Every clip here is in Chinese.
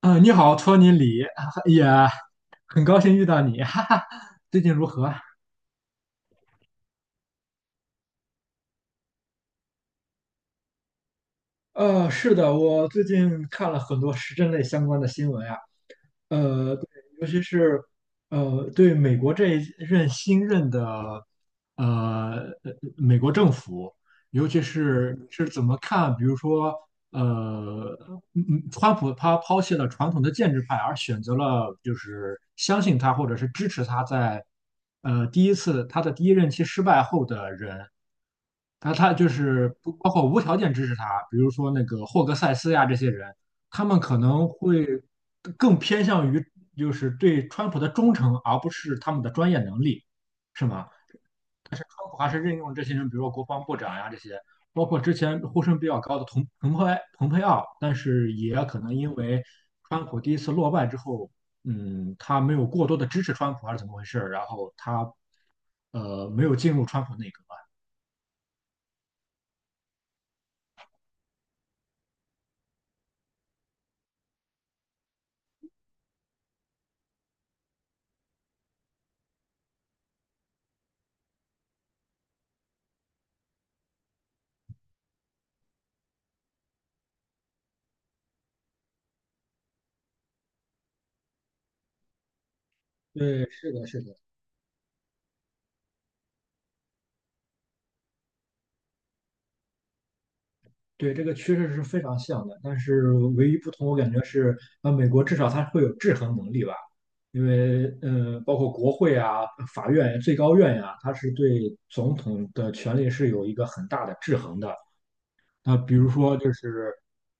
嗯，你好，托尼李，也很高兴遇到你，哈哈。最近如何？是的，我最近看了很多时政类相关的新闻啊。对，尤其是对美国这一任新任的美国政府，尤其是你是怎么看？比如说，呃，川普他抛弃了传统的建制派，而选择了就是相信他或者是支持他在第一次他的第一任期失败后的人，然后他就是不包括无条件支持他，比如说那个霍格塞斯呀这些人，他们可能会更偏向于就是对川普的忠诚，而不是他们的专业能力，是吗？川普还是任用这些人，比如说国防部长呀这些，包括之前呼声比较高的彭佩奥，但是也可能因为川普第一次落败之后，嗯，他没有过多的支持川普还是怎么回事儿，然后他没有进入川普内阁啊。对，是的，是的，对，这个趋势是非常像的，但是唯一不同，我感觉是，美国至少它会有制衡能力吧，因为，包括国会啊、法院、最高院呀、它是对总统的权力是有一个很大的制衡的。那比如说就是，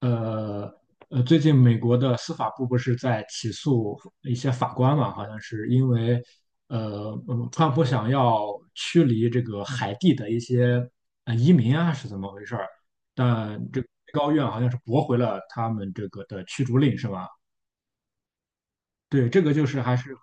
呃最近美国的司法部不是在起诉一些法官嘛？好像是因为，川普想要驱离这个海地的一些移民啊，是怎么回事儿？但这个最高院好像是驳回了他们这个的驱逐令，是吧？对，这个就是还是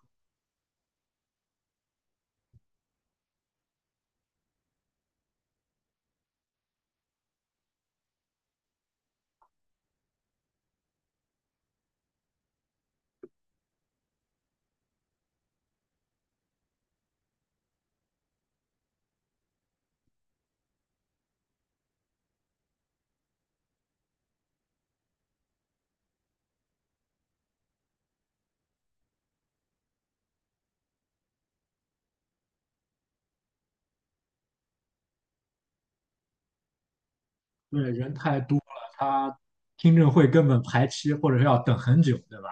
对人太多了，他听证会根本排期或者是要等很久，对吧？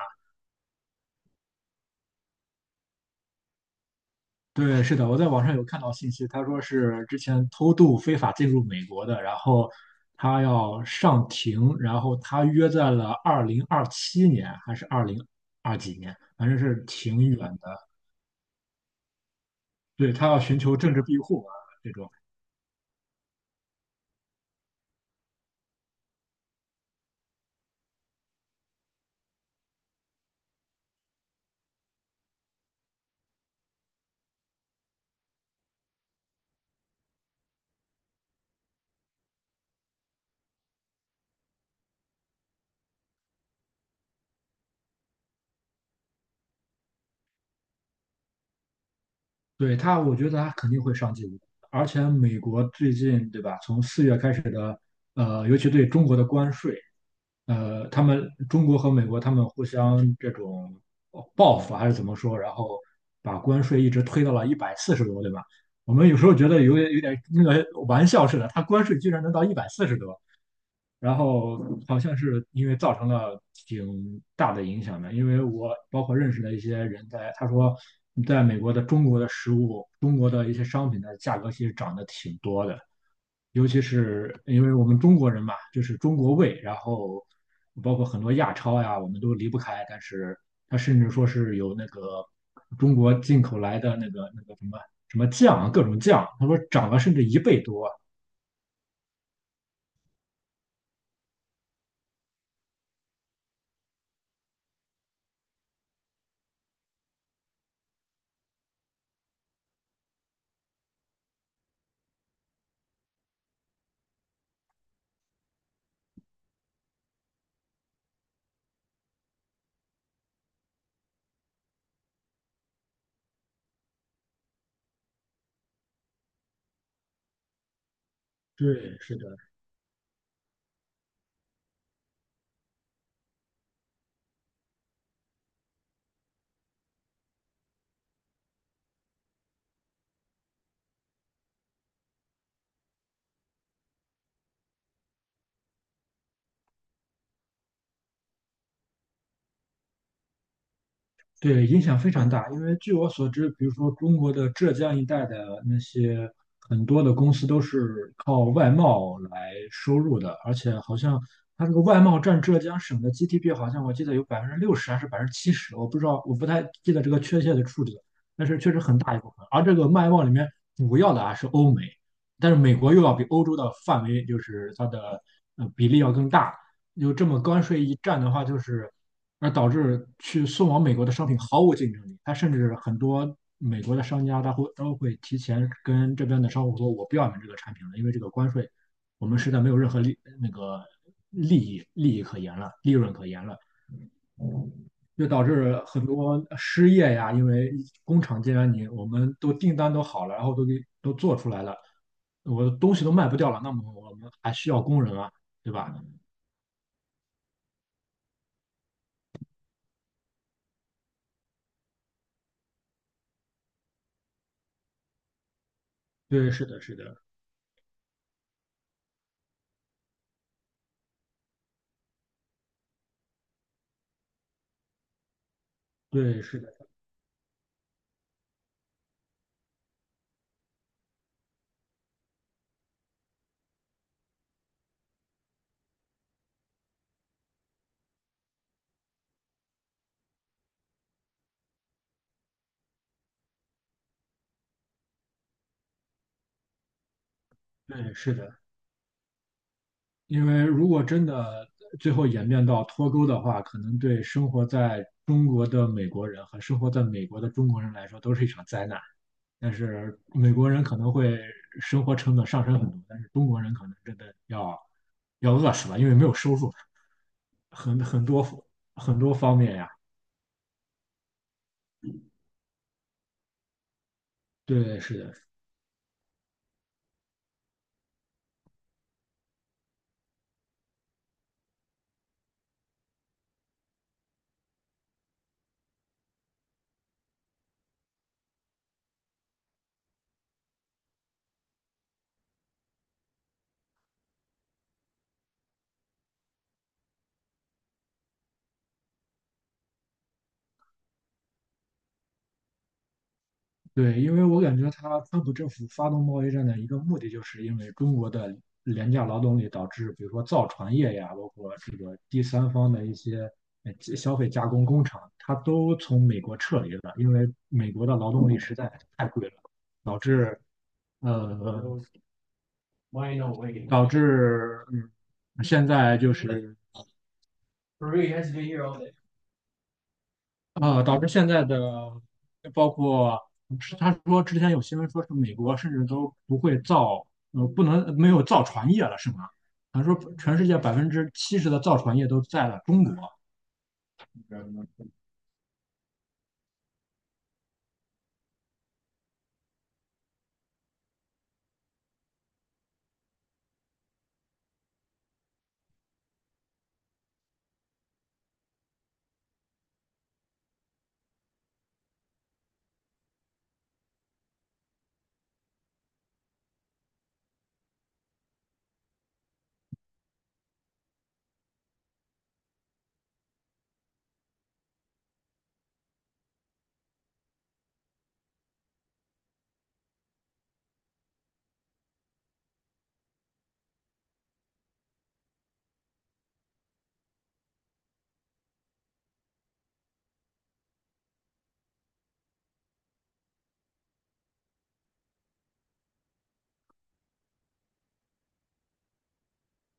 对，是的，我在网上有看到信息，他说是之前偷渡非法进入美国的，然后他要上庭，然后他约在了2027年还是二零二几年，反正是挺远的。对，他要寻求政治庇护啊，这种。对他，我觉得他肯定会上进无敌而且美国最近，对吧？从四月开始的，尤其对中国的关税，他们中国和美国他们互相这种报复还是怎么说？然后把关税一直推到了一百四十多，对吧？我们有时候觉得有点那个玩笑似的，他关税居然能到一百四十多，然后好像是因为造成了挺大的影响的，因为我包括认识的一些人在，他说，在美国的中国的食物，中国的一些商品的价格其实涨得挺多的，尤其是因为我们中国人嘛，就是中国胃，然后包括很多亚超呀，我们都离不开，但是它甚至说是有那个中国进口来的那个什么酱啊，各种酱，他说涨了甚至一倍多。对，是的。对，影响非常大，因为据我所知，比如说中国的浙江一带的那些很多的公司都是靠外贸来收入的，而且好像它这个外贸占浙江省的 GDP,好像我记得有60%还是百分之七十，我不知道，我不太记得这个确切的数字，但是确实很大一部分。而这个外贸里面主要的啊是欧美，但是美国又要比欧洲的范围就是它的比例要更大，有这么关税一战的话，就是而导致去送往美国的商品毫无竞争力。它甚至很多美国的商家，他会都会提前跟这边的商户说，我不要你们这个产品了，因为这个关税，我们实在没有任何利那个利益可言了，利润可言了。就导致很多失业呀，因为工厂既然我们都订单都好了，然后都给都做出来了，我的东西都卖不掉了，那么我们还需要工人啊，对吧？对，是的，是的，对，是的。对，是的，因为如果真的最后演变到脱钩的话，可能对生活在中国的美国人和生活在美国的中国人来说都是一场灾难。但是美国人可能会生活成本上升很多，但是中国人可能真的要饿死了，因为没有收入，很多很多方面呀。对，是的。对，因为我感觉他川普政府发动贸易战的一个目的，就是因为中国的廉价劳动力导致，比如说造船业呀，包括这个第三方的一些消费加工工厂，它都从美国撤离了，因为美国的劳动力实在太贵了，导致呃导致现在就是导致现在的包括是他说之前有新闻说是美国甚至都不会造，不能没有造船业了，是吗？他说全世界百分之七十的造船业都在了中国。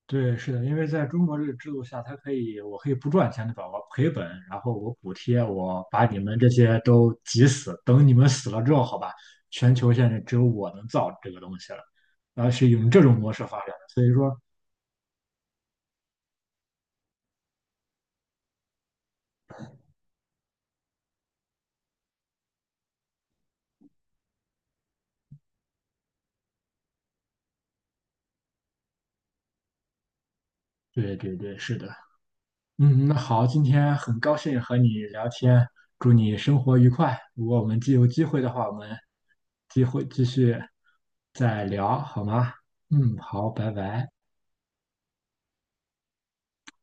对，是的，因为在中国这个制度下，它可以，我可以不赚钱，的，吧？我赔本，然后我补贴，我把你们这些都挤死，等你们死了之后，好吧，全球现在只有我能造这个东西了，然后是用这种模式发展的，所以说，对对对，是的。嗯，那好，今天很高兴和你聊天，祝你生活愉快。如果我们既有机会的话，我们机会继续再聊，好吗？嗯，好，拜拜。